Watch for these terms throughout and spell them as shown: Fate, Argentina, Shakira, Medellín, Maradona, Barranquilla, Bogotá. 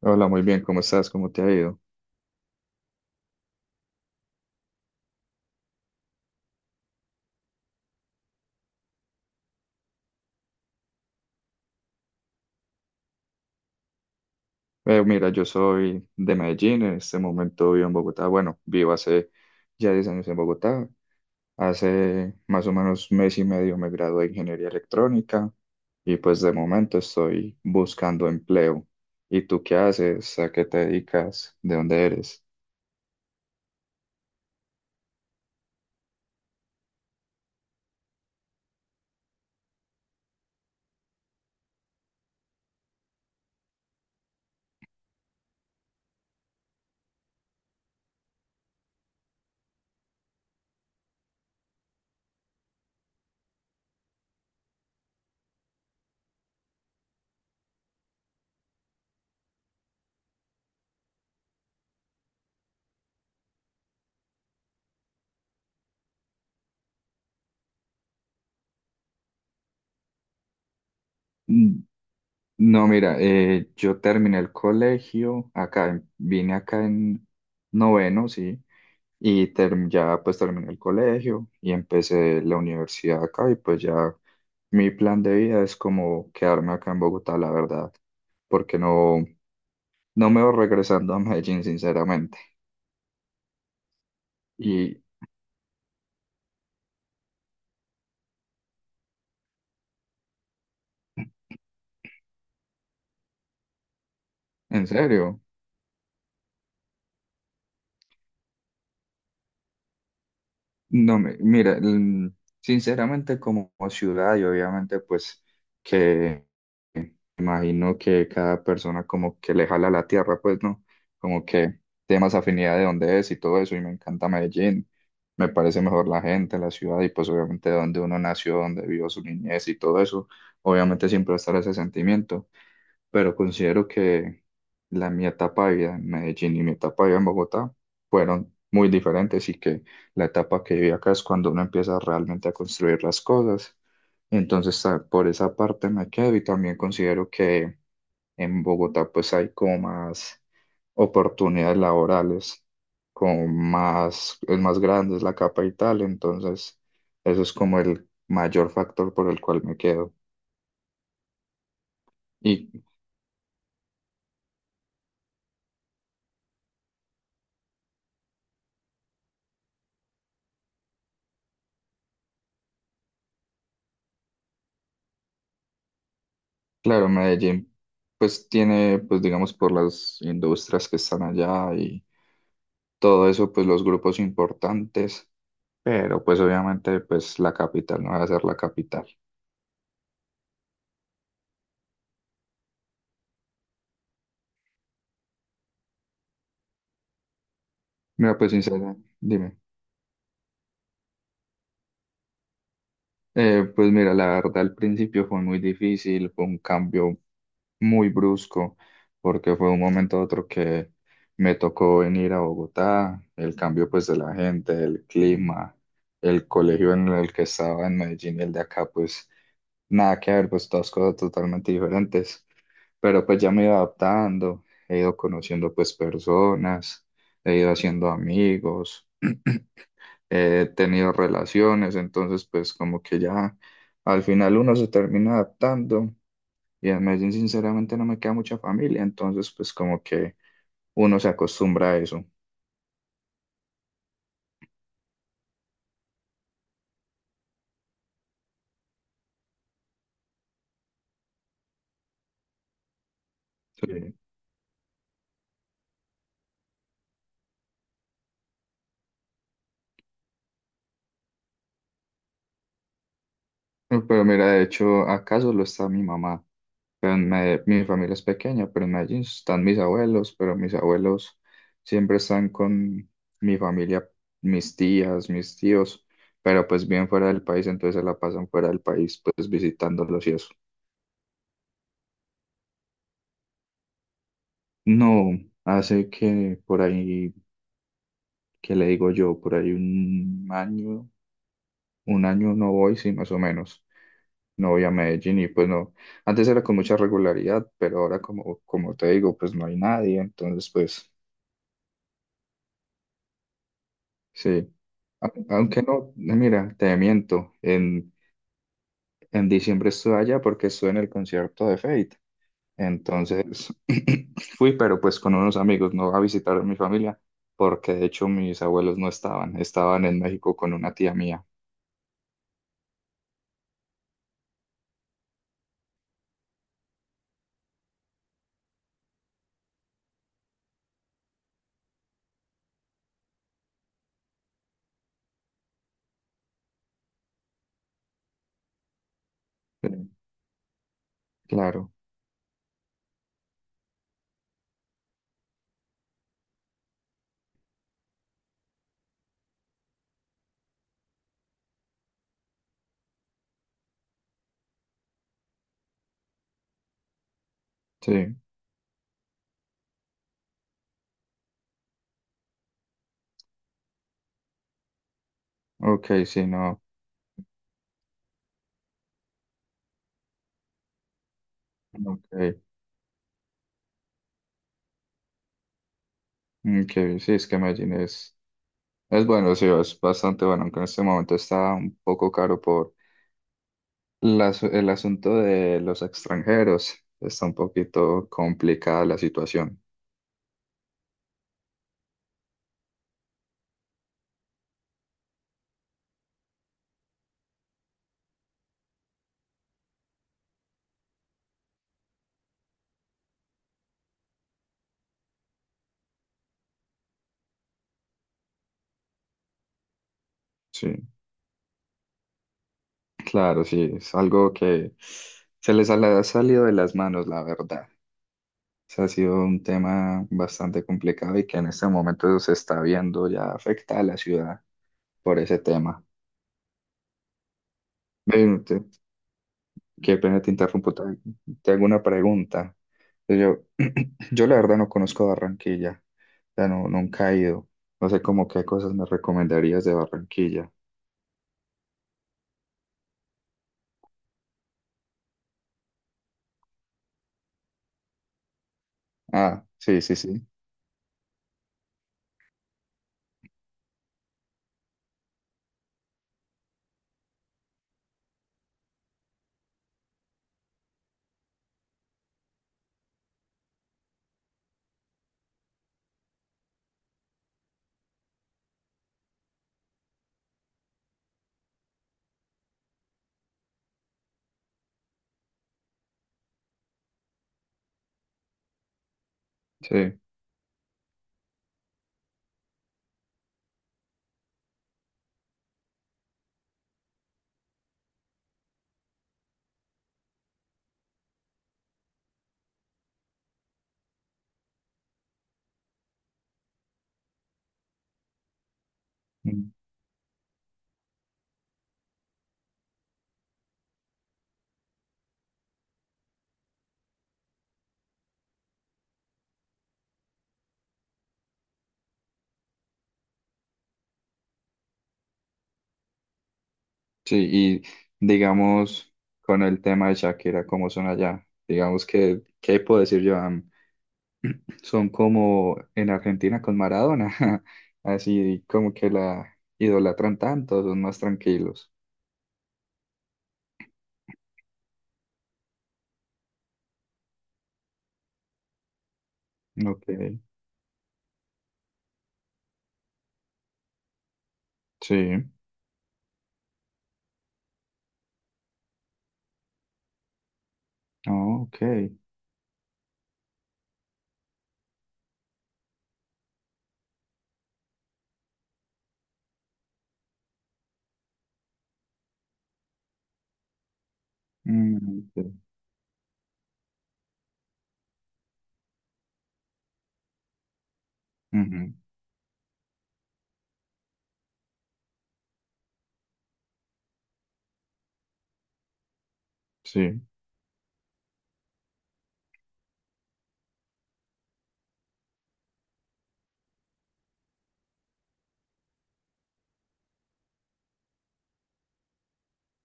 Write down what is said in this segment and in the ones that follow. Hola, muy bien, ¿cómo estás? ¿Cómo te ha ido? Mira, yo soy de Medellín, en este momento vivo en Bogotá, bueno, vivo hace ya 10 años en Bogotá. Hace más o menos mes y medio me gradué de ingeniería electrónica y pues de momento estoy buscando empleo. ¿Y tú qué haces? ¿A qué te dedicas? ¿De dónde eres? Mm, No, mira, yo terminé el colegio acá, vine acá en noveno, sí. Ya pues terminé el colegio y empecé la universidad acá y pues ya mi plan de vida es como quedarme acá en Bogotá, la verdad, porque no, no me voy regresando a Medellín, sinceramente. Y en serio. No, mira, sinceramente como ciudad y obviamente pues que imagino que cada persona como que le jala la tierra, pues no, como que tiene más afinidad de dónde es y todo eso y me encanta Medellín, me parece mejor la gente, la ciudad, y pues obviamente donde uno nació, donde vivió su niñez y todo eso, obviamente siempre va a estar ese sentimiento, pero considero que mi etapa de vida en Medellín y mi etapa de vida en Bogotá fueron muy diferentes, y que la etapa que viví acá es cuando uno empieza realmente a construir las cosas. Entonces, ah, por esa parte me quedo, y también considero que en Bogotá pues hay como más oportunidades laborales, como más, es más grande, es la capital, entonces eso es como el mayor factor por el cual me quedo. ¿Y Claro, Medellín, pues tiene, pues digamos, por las industrias que están allá y todo eso, pues los grupos importantes, pero pues obviamente, pues la capital no va a ser la capital. Mira, pues sincera, dime. Pues mira, la verdad al principio fue muy difícil, fue un cambio muy brusco, porque fue un momento a otro que me tocó venir a Bogotá, el cambio pues de la gente, el clima, el colegio en el que estaba en Medellín y el de acá, pues nada que ver, pues todas cosas totalmente diferentes, pero pues ya me he ido adaptando, he ido conociendo pues personas, he ido haciendo amigos. He tenido relaciones, entonces pues como que ya al final uno se termina adaptando, y en Medellín sinceramente no me queda mucha familia, entonces pues como que uno se acostumbra a eso. Sí. Pero mira, de hecho acaso lo está mi mamá, pero en mi familia es pequeña, pero en Medellín están mis abuelos, pero mis abuelos siempre están con mi familia, mis tías, mis tíos, pero pues bien fuera del país, entonces se la pasan fuera del país pues visitándolos y eso. No, hace que por ahí, ¿que le digo yo? Por ahí un año no voy, sí, más o menos. No voy a Medellín y pues no. Antes era con mucha regularidad, pero ahora como, como te digo, pues no hay nadie, entonces pues sí. Aunque no, mira, te miento, en diciembre estuve allá porque estuve en el concierto de Fate. Entonces fui, pero pues con unos amigos, no a visitar a mi familia, porque de hecho mis abuelos no estaban, estaban en México con una tía mía. Sí, claro, sí, ok, sí, no, ok, ok, sí, es que Medellín es bueno, sí, es bastante bueno, aunque en este momento está un poco caro por el asunto de los extranjeros, está un poquito complicada la situación, sí, claro, sí, es algo que se les ha le ha salido de las manos, la verdad. Sea, ha sido un tema bastante complicado y que en este momento se está viendo ya afecta a la ciudad por ese tema. Ven, qué pena te interrumpo, te hago una pregunta. Yo, yo la verdad no conozco Barranquilla, ya no, nunca he ido. No sé cómo qué cosas me recomendarías de Barranquilla. Ah, sí, sí, sí, sí. Mm, sí, y digamos con el tema de Shakira, ¿cómo son allá? Digamos que, ¿qué puedo decir yo? Son como en Argentina con Maradona, así como que la idolatran tanto, ¿son más tranquilos? Ok, sí, oh, ok. Mm, ok. Ujú, sí,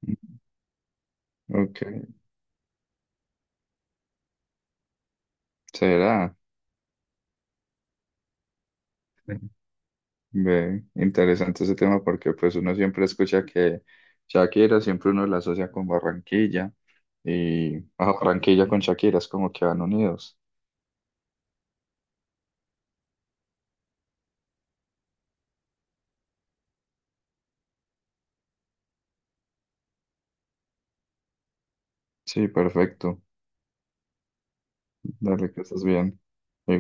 mm, ok, será. Ve, interesante ese tema porque pues uno siempre escucha que Shakira, siempre uno la asocia con Barranquilla, y ah, Barranquilla con Shakira es como que van unidos. Sí, perfecto. Dale, que estás bien.